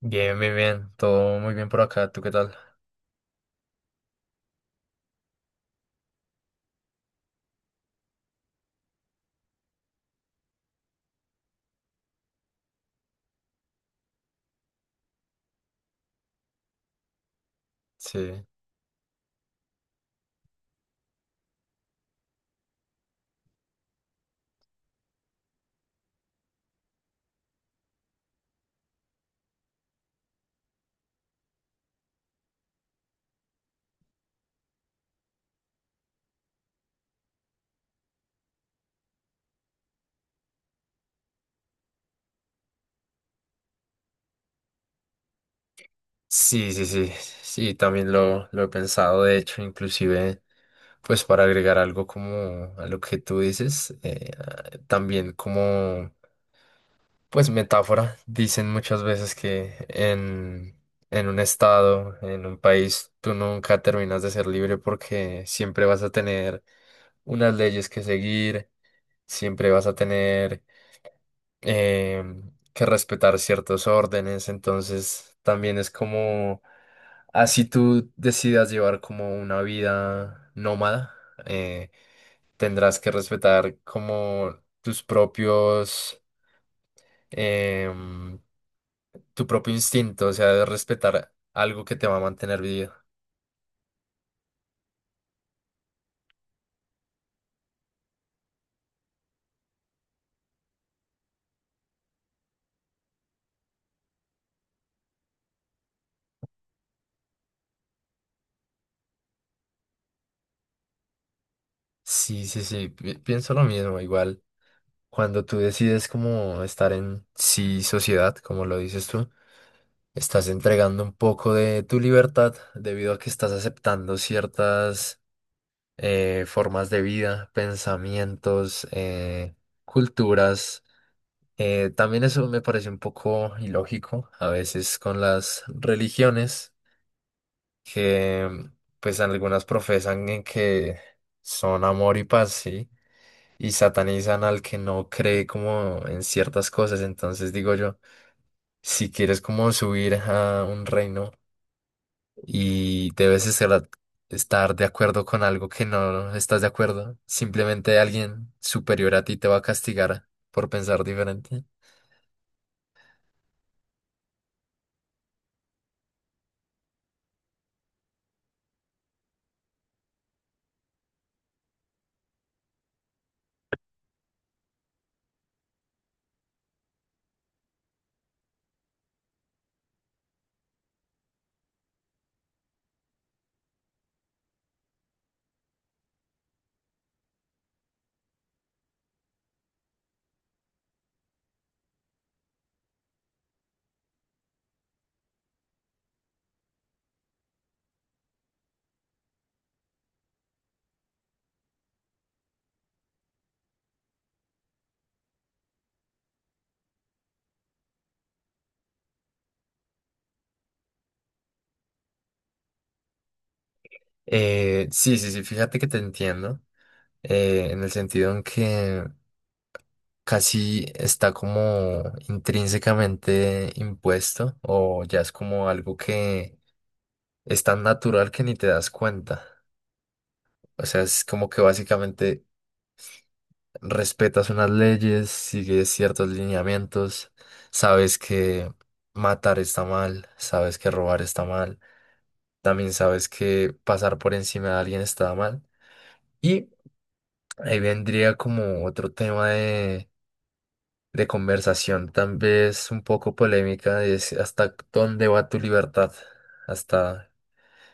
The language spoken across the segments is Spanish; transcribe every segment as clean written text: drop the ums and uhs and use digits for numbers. Bien, bien, bien. Todo muy bien por acá. ¿Tú qué tal? Sí. Sí, sí, sí. Sí, también lo he pensado. De hecho, inclusive, pues para agregar algo como a lo que tú dices, también como, pues metáfora. Dicen muchas veces que en un estado, en un país, tú nunca terminas de ser libre porque siempre vas a tener unas leyes que seguir, siempre vas a tener... eh, que respetar ciertos órdenes, entonces también es como, así tú decidas llevar como una vida nómada, eh, tendrás que respetar como tus propios, em, tu propio instinto, o sea, de respetar algo que te va a mantener vivo. Sí, sí, sí, pienso lo mismo, igual. Cuando tú decides como estar en sí sociedad, como lo dices tú, estás entregando un poco de tu libertad debido a que estás aceptando ciertas, formas de vida, pensamientos, culturas. También eso me parece un poco ilógico a veces con las religiones que pues algunas profesan en que son amor y paz, ¿sí? Y satanizan al que no cree como en ciertas cosas. Entonces digo yo, si quieres como subir a un reino y debes estar de acuerdo con algo que no estás de acuerdo. Simplemente alguien superior a ti te va a castigar por pensar diferente. Sí, sí, sí, fíjate que te entiendo, en el sentido en que casi está como intrínsecamente impuesto o ya es como algo que es tan natural que ni te das cuenta. O sea, es como que básicamente respetas unas leyes, sigues ciertos lineamientos, sabes que matar está mal, sabes que robar está mal, también sabes que pasar por encima de alguien está mal. Y ahí vendría como otro tema de conversación, tal vez un poco polémica, es hasta dónde va tu libertad, hasta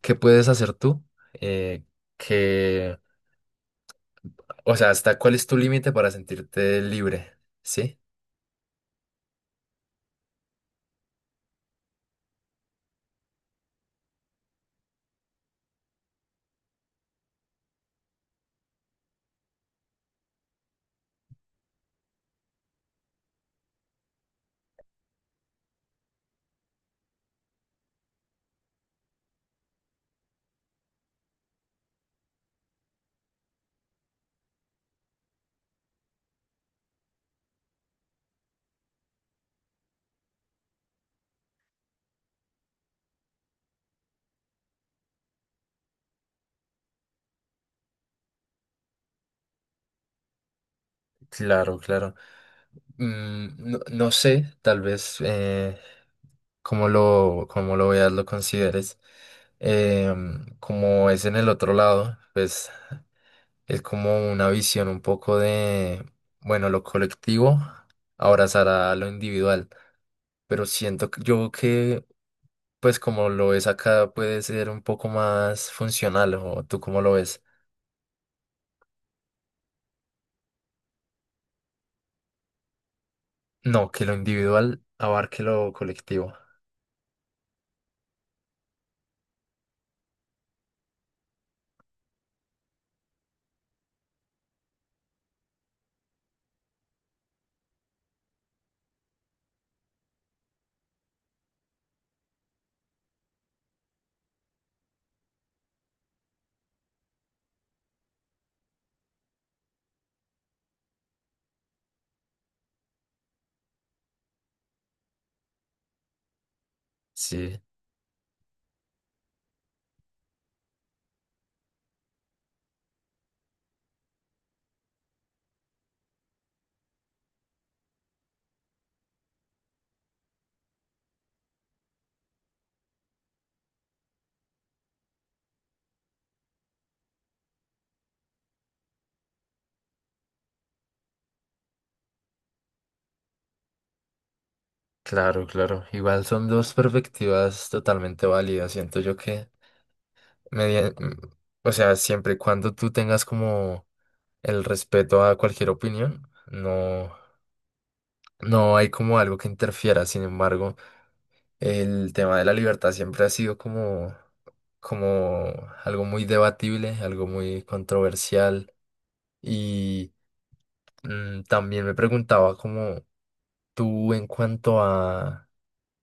qué puedes hacer tú, eh, que, o sea, hasta cuál es tu límite para sentirte libre, ¿sí? Claro, claro. Mm, no, no sé, tal vez cómo cómo lo veas, lo consideres. Em, como es en el otro lado, pues es como una visión un poco de, bueno, lo colectivo abrazará lo individual, pero siento que- yo que, pues como lo ves acá, puede ser un poco más funcional, o tú cómo lo ves. No, que lo individual abarque lo colectivo. Sí. Claro, claro. Igual son dos perspectivas totalmente válidas. Siento yo que, media- mm, o sea, siempre y cuando tú tengas como el respeto a cualquier opinión, no, no hay como algo que interfiera. Sin embargo, el tema de la libertad siempre ha sido como, como algo muy debatible, algo muy controversial. Y mm, también me preguntaba como tú en cuanto a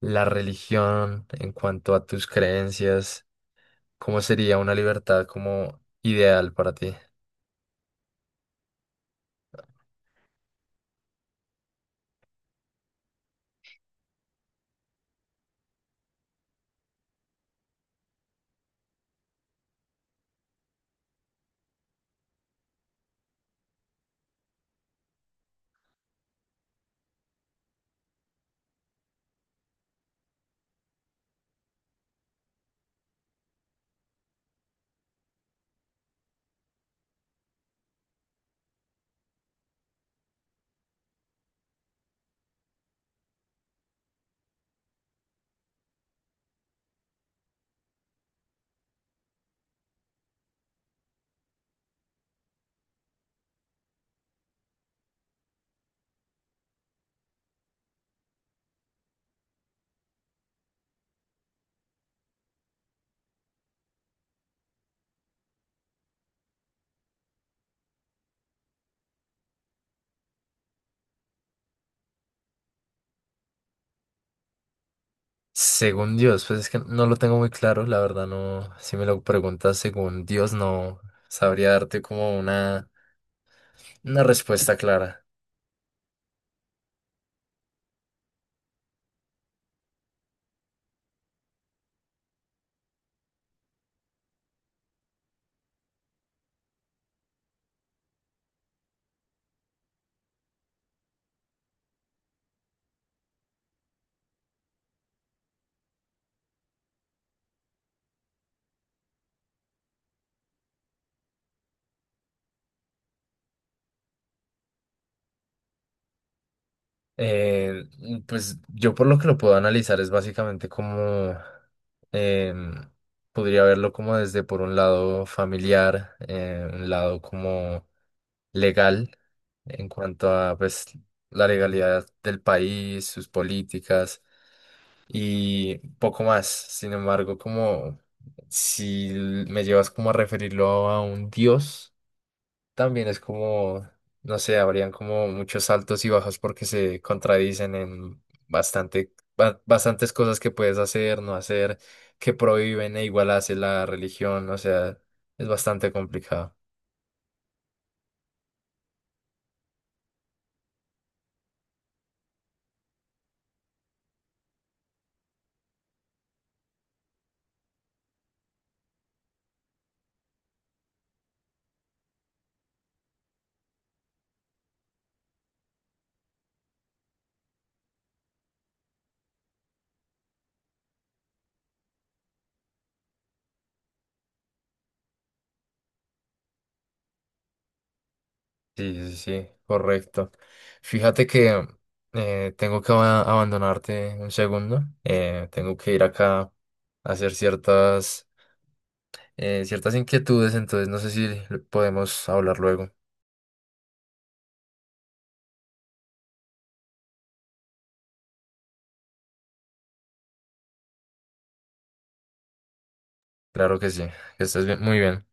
la religión, en cuanto a tus creencias. ¿Cómo sería una libertad como ideal para ti? Según Dios, pues es que no lo tengo muy claro, la verdad no, si me lo preguntas según Dios no sabría darte como una respuesta clara. Eh, pues yo por lo que lo puedo analizar es básicamente como em, podría verlo como desde por un lado familiar, un lado como legal en cuanto a pues la legalidad del país, sus políticas y poco más. Sin embargo, como si l- me llevas como a referirlo a un dios, también es como, no sé, habrían como muchos altos y bajos porque se contradicen en bastantes cosas que puedes hacer, no hacer, que prohíben e igual hace la religión, o sea, es bastante complicado. Sí, sí, sí, correcto. Fíjate que tengo que abandonarte un segundo. Tengo que ir acá a hacer ciertas ciertas inquietudes, entonces no sé si podemos hablar luego. Claro que sí, muy bien.